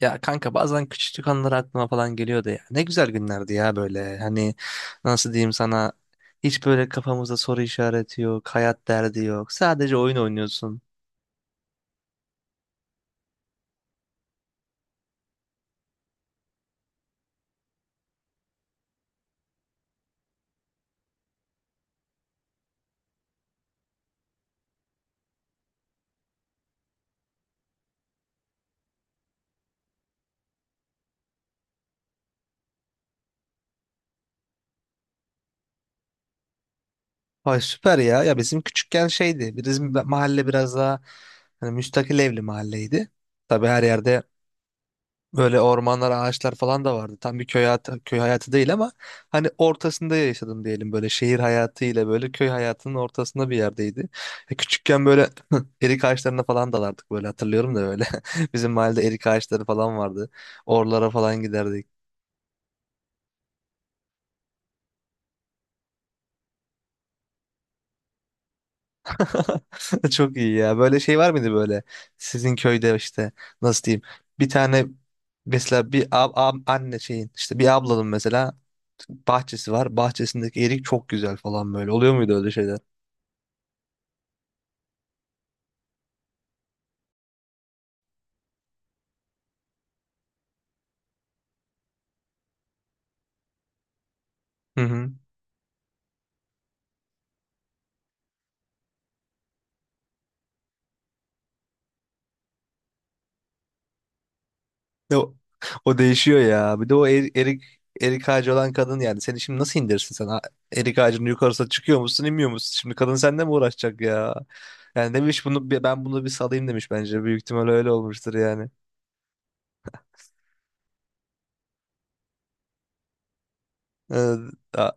Ya kanka bazen küçüklük anıları aklıma falan geliyordu ya. Ne güzel günlerdi ya böyle. Hani nasıl diyeyim sana, hiç böyle kafamızda soru işareti yok, hayat derdi yok. Sadece oyun oynuyorsun. Vay süper ya. Ya bizim küçükken şeydi. Bizim mahalle biraz daha hani müstakil evli mahalleydi. Tabii her yerde böyle ormanlar, ağaçlar falan da vardı. Tam bir köy hayatı, köy hayatı değil ama hani ortasında yaşadım diyelim, böyle şehir hayatı ile böyle köy hayatının ortasında bir yerdeydi. Küçükken böyle erik ağaçlarına falan dalardık, böyle hatırlıyorum da böyle. Bizim mahallede erik ağaçları falan vardı. Oralara falan giderdik. Çok iyi ya. Böyle şey var mıydı böyle? Sizin köyde işte nasıl diyeyim? Bir tane, mesela anne şeyin, işte bir ablanın mesela bahçesi var. Bahçesindeki erik çok güzel falan böyle. Oluyor muydu öyle şeyler? Hı hı. E, O, o değişiyor ya. Bir de o erik ağacı olan kadın, yani seni şimdi nasıl indirsin sen? Ha, erik ağacının yukarısına çıkıyor musun, inmiyor musun? Şimdi kadın seninle mi uğraşacak ya? Yani demiş ben bunu bir salayım demiş bence. Büyük ihtimal öyle olmuştur yani. Ee,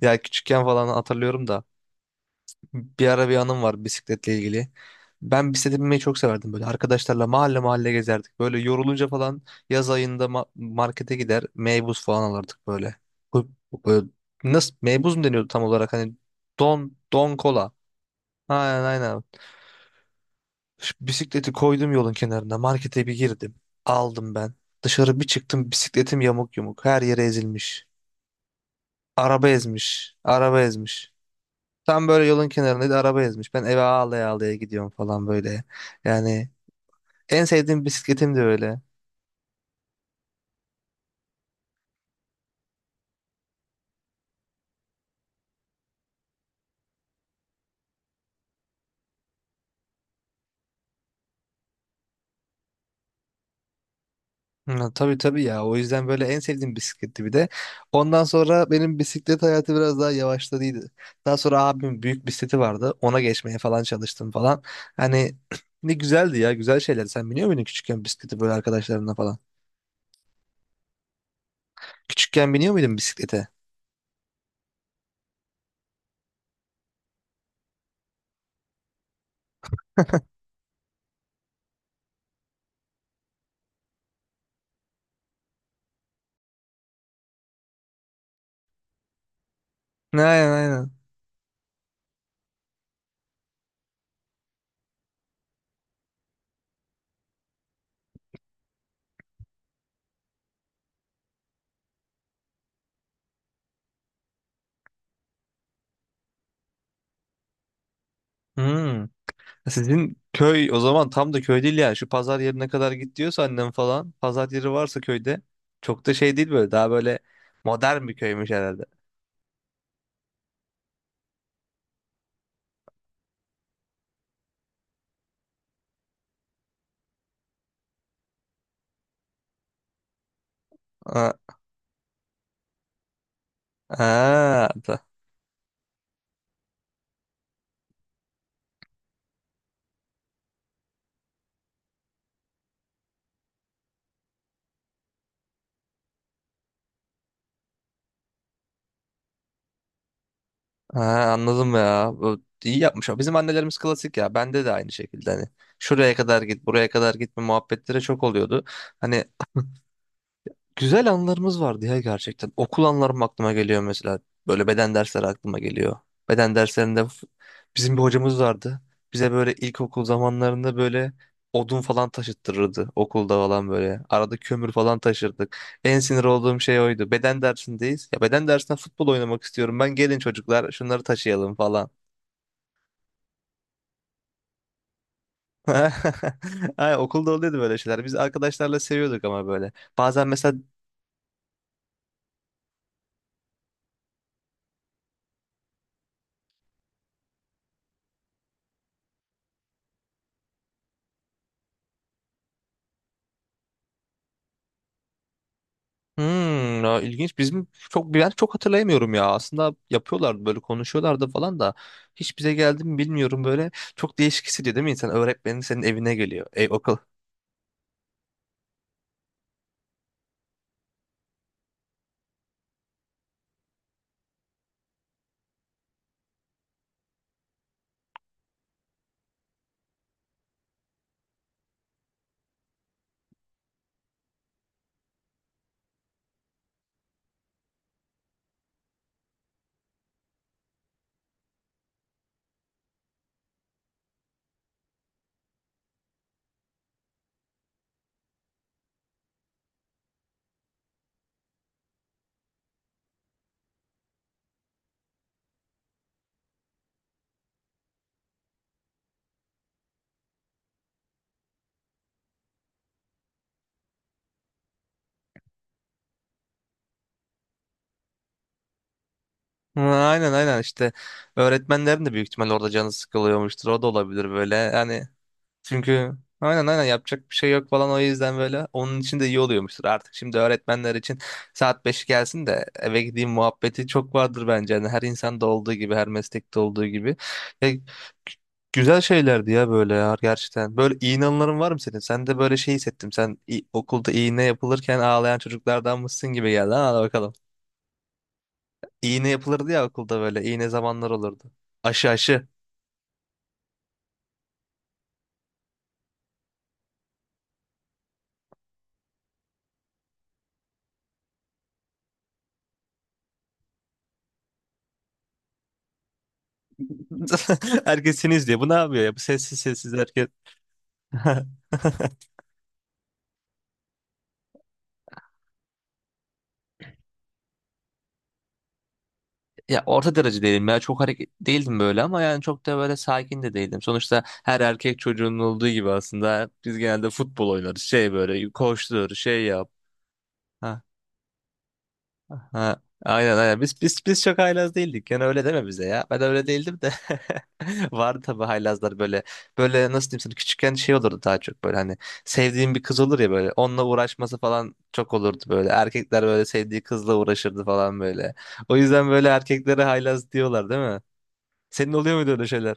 Ya küçükken falan hatırlıyorum da bir ara bir anım var bisikletle ilgili. Ben bisiklete binmeyi çok severdim böyle. Arkadaşlarla mahalle mahalle gezerdik. Böyle yorulunca falan yaz ayında markete gider, meybuz falan alırdık böyle. Böyle nasıl, meybuz mu deniyordu tam olarak, hani don don kola. Aynen aynen. Şu bisikleti koydum yolun kenarına, markete bir girdim. Aldım ben. Dışarı bir çıktım, bisikletim yamuk yumuk her yere ezilmiş. Araba ezmiş. Tam böyle yolun kenarında araba ezmiş. Ben eve ağlaya ağlaya gidiyorum falan böyle. Yani en sevdiğim bisikletim de öyle. Hı, tabii tabii ya. O yüzden böyle en sevdiğim bisikletti bir de. Ondan sonra benim bisiklet hayatı biraz daha yavaşladıydı. Daha sonra abimin büyük bisikleti vardı. Ona geçmeye falan çalıştım falan. Hani ne güzeldi ya. Güzel şeyler. Sen biniyor muydun küçükken bisikleti böyle arkadaşlarınla falan? Küçükken biniyor muydun bisiklete? Aynen aynen. Hmm. Sizin köy o zaman tam da köy değil yani. Şu pazar yerine kadar git diyorsa annem falan. Pazar yeri varsa köyde, çok da şey değil böyle. Daha böyle modern bir köymüş herhalde. Aa, aa, da- Aa, anladım ya. Bu iyi yapmış. O. Bizim annelerimiz klasik ya. Bende de aynı şekilde hani. Şuraya kadar git, buraya kadar gitme muhabbetleri çok oluyordu. Hani güzel anılarımız vardı ya gerçekten. Okul anılarım aklıma geliyor mesela. Böyle beden dersleri aklıma geliyor. Beden derslerinde f- Bizim bir hocamız vardı. Bize böyle ilkokul zamanlarında böyle odun falan taşıttırırdı okulda falan böyle. Arada kömür falan taşırdık. En sinir olduğum şey oydu. Beden dersindeyiz. Ya beden dersinde futbol oynamak istiyorum. Ben, gelin çocuklar şunları taşıyalım falan. Ay, okulda oluyordu böyle şeyler. Biz arkadaşlarla seviyorduk ama böyle. Bazen mesela hmm, ya ilginç. Bizim çok Ben çok hatırlayamıyorum ya. Aslında yapıyorlardı, böyle konuşuyorlardı falan da hiç bize geldi mi bilmiyorum böyle. Çok değişik hissediyor değil mi insan? Öğretmenin senin evine geliyor. Ey okul. Ha, aynen aynen işte, öğretmenlerin de büyük ihtimalle orada canı sıkılıyormuştur. O da olabilir böyle. Yani çünkü aynen aynen yapacak bir şey yok falan, o yüzden böyle onun için de iyi oluyormuştur artık. Şimdi öğretmenler için saat 5 gelsin de eve gideyim muhabbeti çok vardır bence. Yani her insanda olduğu gibi, her meslekte olduğu gibi. Ya, gü- Güzel şeylerdi ya böyle ya gerçekten. Böyle iyi anıların var mı senin? Sen de böyle şey hissettim. Okulda iğne yapılırken ağlayan çocuklardan mısın gibi geldi. Ha, hadi bakalım. İğne yapılırdı ya okulda böyle. İğne zamanlar olurdu. Aşı aşı. Herkes seni izliyor. Bu ne yapıyor ya? Bu sessiz sessiz herkes. Ya orta derece değilim ya, çok hareket değildim böyle, ama yani çok da böyle sakin de değildim. Sonuçta her erkek çocuğunun olduğu gibi aslında biz genelde futbol oynarız, şey böyle koştur şey yap. Ha, aynen aynen. Biz çok haylaz değildik. Yani öyle deme bize ya. Ben öyle değildim de. Vardı tabii haylazlar böyle. Böyle nasıl diyeyim sana, küçükken şey olurdu daha çok böyle, hani sevdiğim bir kız olur ya böyle. Onunla uğraşması falan çok olurdu böyle. Erkekler böyle sevdiği kızla uğraşırdı falan böyle. O yüzden böyle erkeklere haylaz diyorlar değil mi? Senin oluyor muydu öyle şeyler?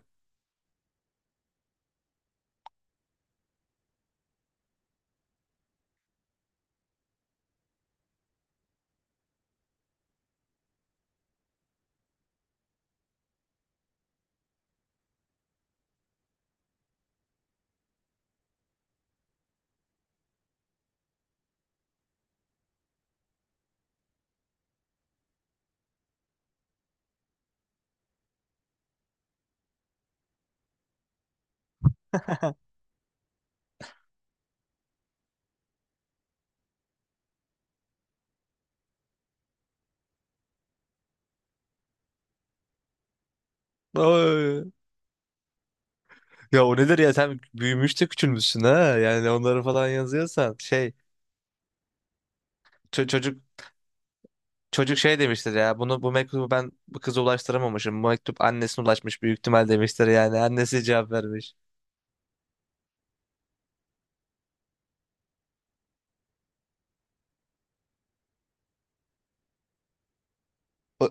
Oy. Ya o nedir ya, sen büyümüş de küçülmüşsün ha. Yani onları falan yazıyorsan ço- çocuk çocuk şey demiştir ya, bunu bu mektubu ben bu kıza ulaştıramamışım. Bu mektup annesine ulaşmış büyük ihtimal demiştir yani. Annesi cevap vermiş. O,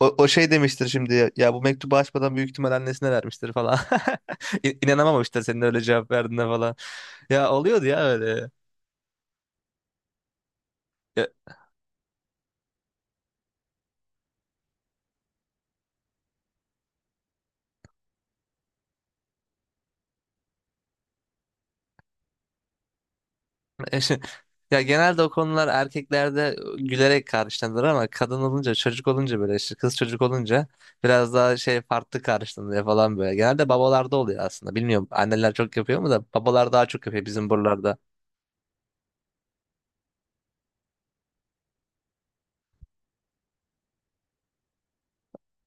O şey demiştir şimdi ya, ya bu mektubu açmadan büyük ihtimal annesine vermiştir falan. İnanamamıştır senin öyle cevap verdiğine falan. Ya oluyordu ya öyle. Ya ya genelde o konular erkeklerde gülerek karşılanır, ama kadın olunca, çocuk olunca, böyle işte kız çocuk olunca biraz daha şey farklı karşılanıyor falan böyle. Genelde babalarda oluyor aslında. Bilmiyorum anneler çok yapıyor mu da, babalar daha çok yapıyor bizim buralarda.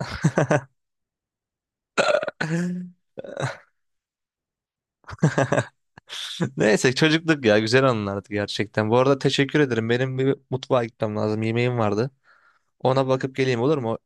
Neyse çocukluk ya, güzel anılardı gerçekten. Bu arada teşekkür ederim. Benim bir mutfağa gitmem lazım. Yemeğim vardı. Ona bakıp geleyim olur mu?